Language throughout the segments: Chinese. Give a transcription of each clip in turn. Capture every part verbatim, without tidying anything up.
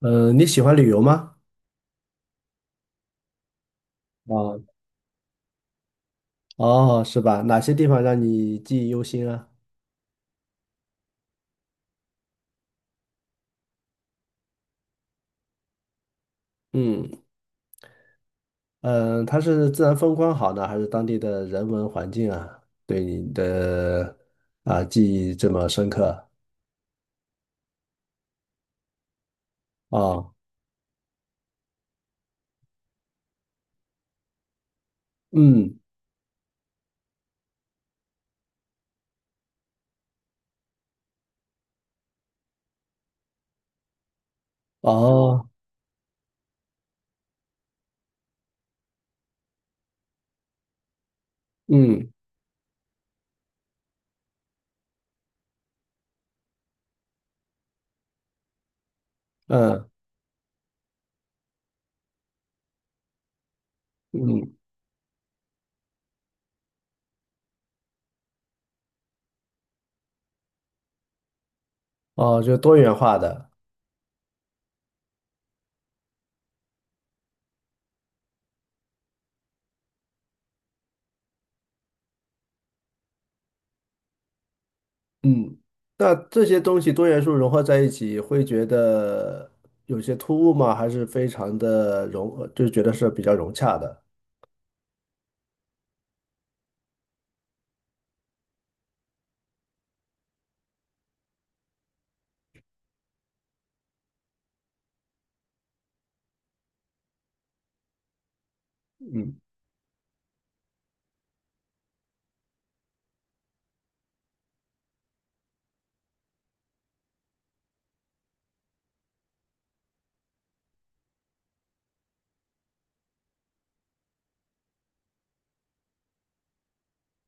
嗯，你喜欢旅游吗？啊，哦，是吧？哪些地方让你记忆犹新啊？嗯嗯，呃它是自然风光好呢，还是当地的人文环境啊，对你的啊记忆这么深刻啊？嗯，哦，嗯嗯嗯，哦，就多元化的。嗯，那这些东西多元素融合在一起，会觉得有些突兀吗？还是非常的融，就觉得是比较融洽的？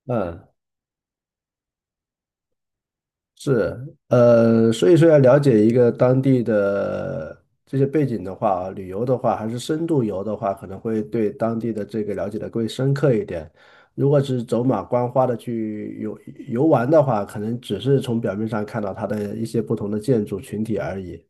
嗯。是，呃，所以说要了解一个当地的这些背景的话啊，旅游的话，还是深度游的话，可能会对当地的这个了解的更深刻一点。如果只是走马观花的去游游玩的话，可能只是从表面上看到它的一些不同的建筑群体而已。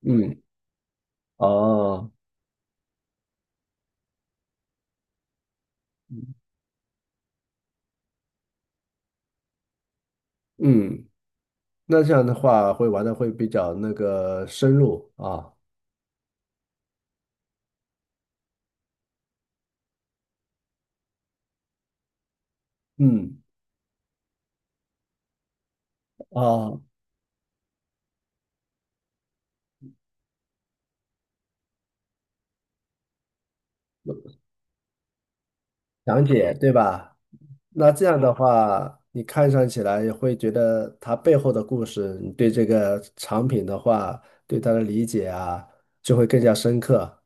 嗯，哦，嗯，那这样的话会玩的会比较那个深入啊。嗯，哦，讲解对吧？那这样的话，你看上起来也会觉得它背后的故事，你对这个产品的话，对它的理解啊，就会更加深刻。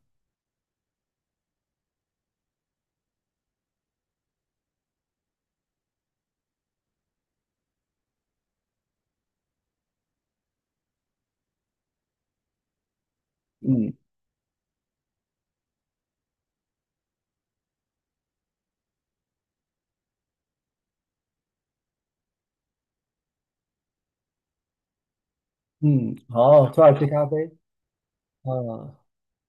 嗯嗯，好，土耳其咖啡啊，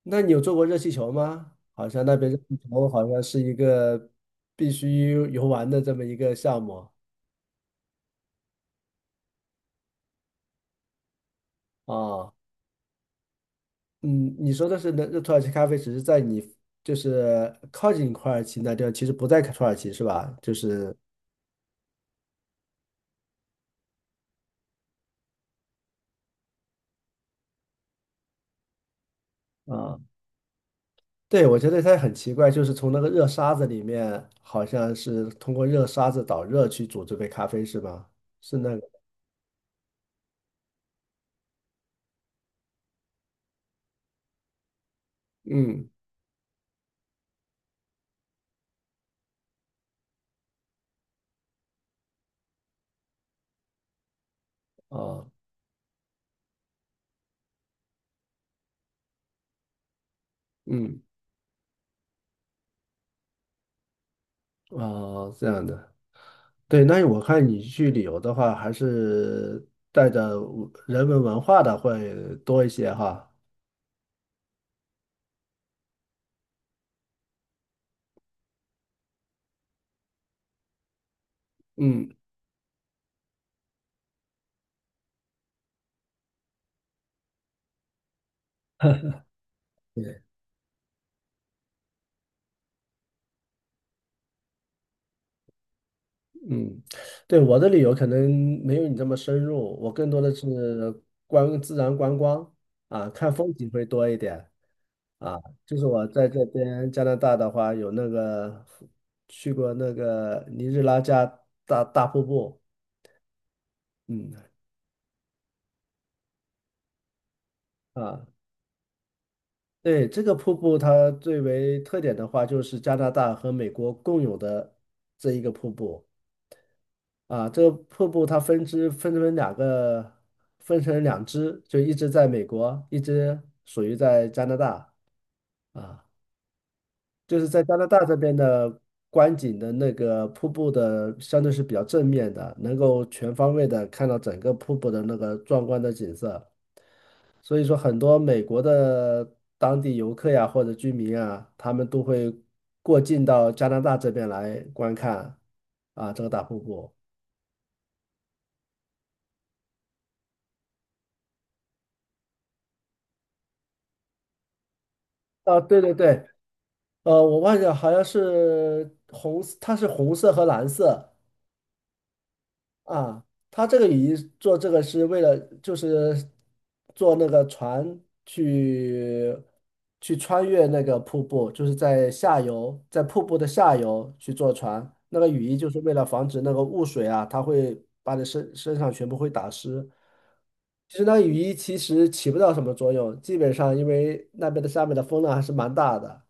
那你有做过热气球吗？好像那边热气球好像是一个必须游玩的这么一个项目啊。嗯，你说的是那那土耳其咖啡，只是在你就是靠近土耳其那地方，其实不在土耳其是吧？就是。啊。对，我觉得它很奇怪，就是从那个热沙子里面，好像是通过热沙子导热去煮这杯咖啡，是吧？是那个，嗯，哦，嗯，哦，这样的。对，那我看你去旅游的话，还是带着人文文化的会多一些哈。嗯，嗯，对，我的旅游可能没有你这么深入，我更多的是观自然观光啊，看风景会多一点啊。就是我在这边加拿大的话，有那个去过那个尼日拉加大大瀑布。嗯啊，对，这个瀑布它最为特点的话，就是加拿大和美国共有的这一个瀑布。啊，这个瀑布它分支分成两个，分成两支，就一支在美国，一支属于在加拿大啊。就是在加拿大这边的观景的那个瀑布的，相对是比较正面的，能够全方位的看到整个瀑布的那个壮观的景色。所以说，很多美国的当地游客呀或者居民啊，他们都会过境到加拿大这边来观看啊这个大瀑布。啊，对对对，呃，我忘记了，好像是红色，它是红色和蓝色啊。它这个雨衣做这个是为了，就是做那个船去去穿越那个瀑布，就是在下游，在瀑布的下游去坐船。那个雨衣就是为了防止那个雾水啊，它会把你身身上全部会打湿。其实那雨衣其实起不到什么作用，基本上因为那边的下面的风浪还是蛮大的。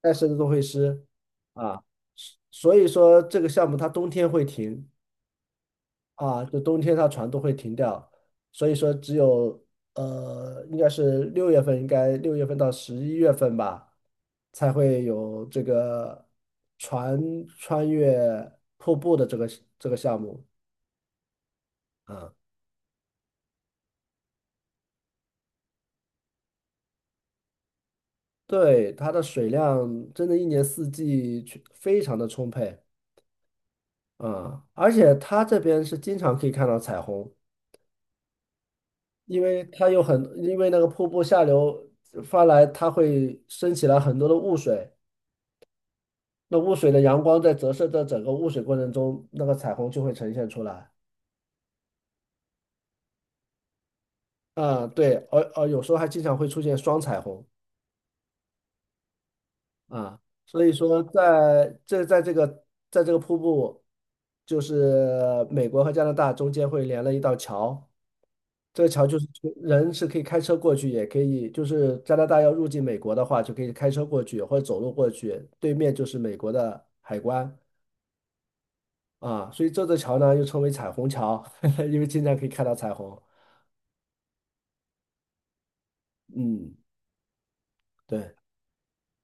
但是都会湿啊，所以说这个项目它冬天会停啊，就冬天它船都会停掉，所以说只有呃，应该是六月份，应该六月份到十一月份吧，才会有这个船穿越瀑布的这个这个项目啊。对，它的水量真的一年四季去非常的充沛啊，而且它这边是经常可以看到彩虹。因为它有很，因为那个瀑布下流发来，它会升起来很多的雾水，那雾水的阳光在折射的整个雾水过程中，那个彩虹就会呈现出来。啊、对，而而有时候还经常会出现双彩虹啊，所以说在这在这个在这个瀑布，就是美国和加拿大中间会连了一道桥。这个桥就是人是可以开车过去，也可以就是加拿大要入境美国的话，就可以开车过去或者走路过去，对面就是美国的海关啊，所以这座桥呢又称为彩虹桥，因为经常可以看到彩虹。嗯，对，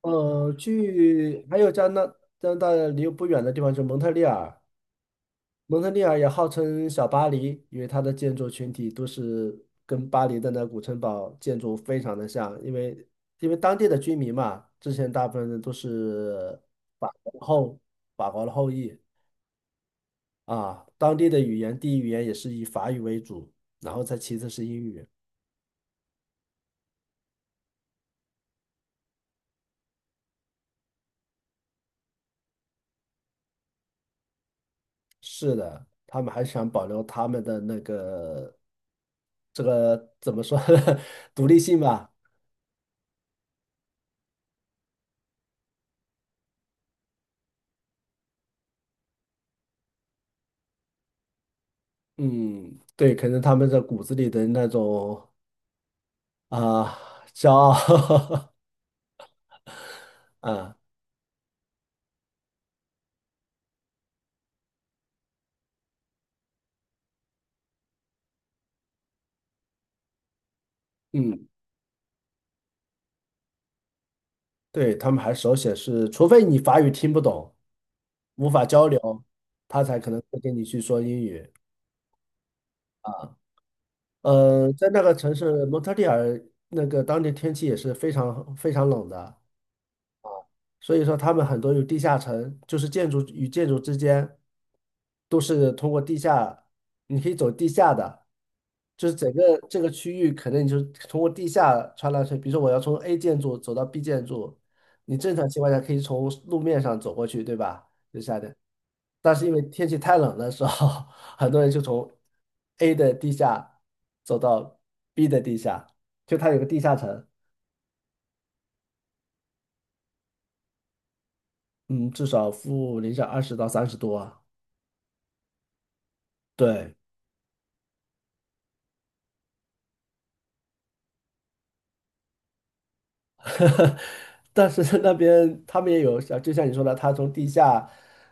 呃，去还有加拿加拿大离不远的地方是蒙特利尔，蒙特利尔也号称小巴黎，因为它的建筑群体都是跟巴黎的那古城堡建筑非常的像，因为因为当地的居民嘛，之前大部分人都是法国的后法国的后裔啊，当地的语言第一语言也是以法语为主，然后再其次是英语。是的，他们还想保留他们的那个这个怎么说 独立性吧。嗯，对，可能他们的骨子里的那种啊，骄傲 啊，嗯，对，他们还手写是，除非你法语听不懂，无法交流，他才可能会跟你去说英语。呃，在那个城市蒙特利尔，那个当地天气也是非常非常冷的。所以说他们很多有地下城，就是建筑与建筑之间都是通过地下，你可以走地下的，就是整个这个区域可能你就通过地下穿来穿，比如说我要从 A 建筑走到 B 建筑，你正常情况下可以从路面上走过去，对吧？就夏天，但是因为天气太冷的时候，很多人就从 A 的地下走到 B 的地下，就它有个地下城。嗯，至少负零下二十到三十度啊，对。但是那边他们也有，像就像你说的，他从地下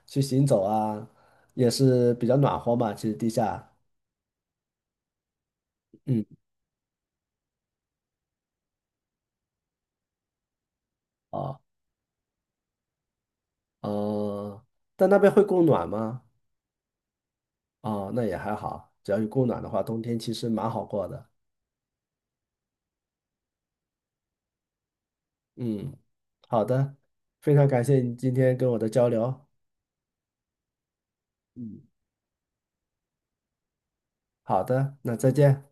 去行走啊，也是比较暖和嘛。其实地下，嗯，啊，呃，但那边会供暖吗？哦，那也还好，只要有供暖的话，冬天其实蛮好过的。嗯，好的，非常感谢你今天跟我的交流。嗯，好的，那再见。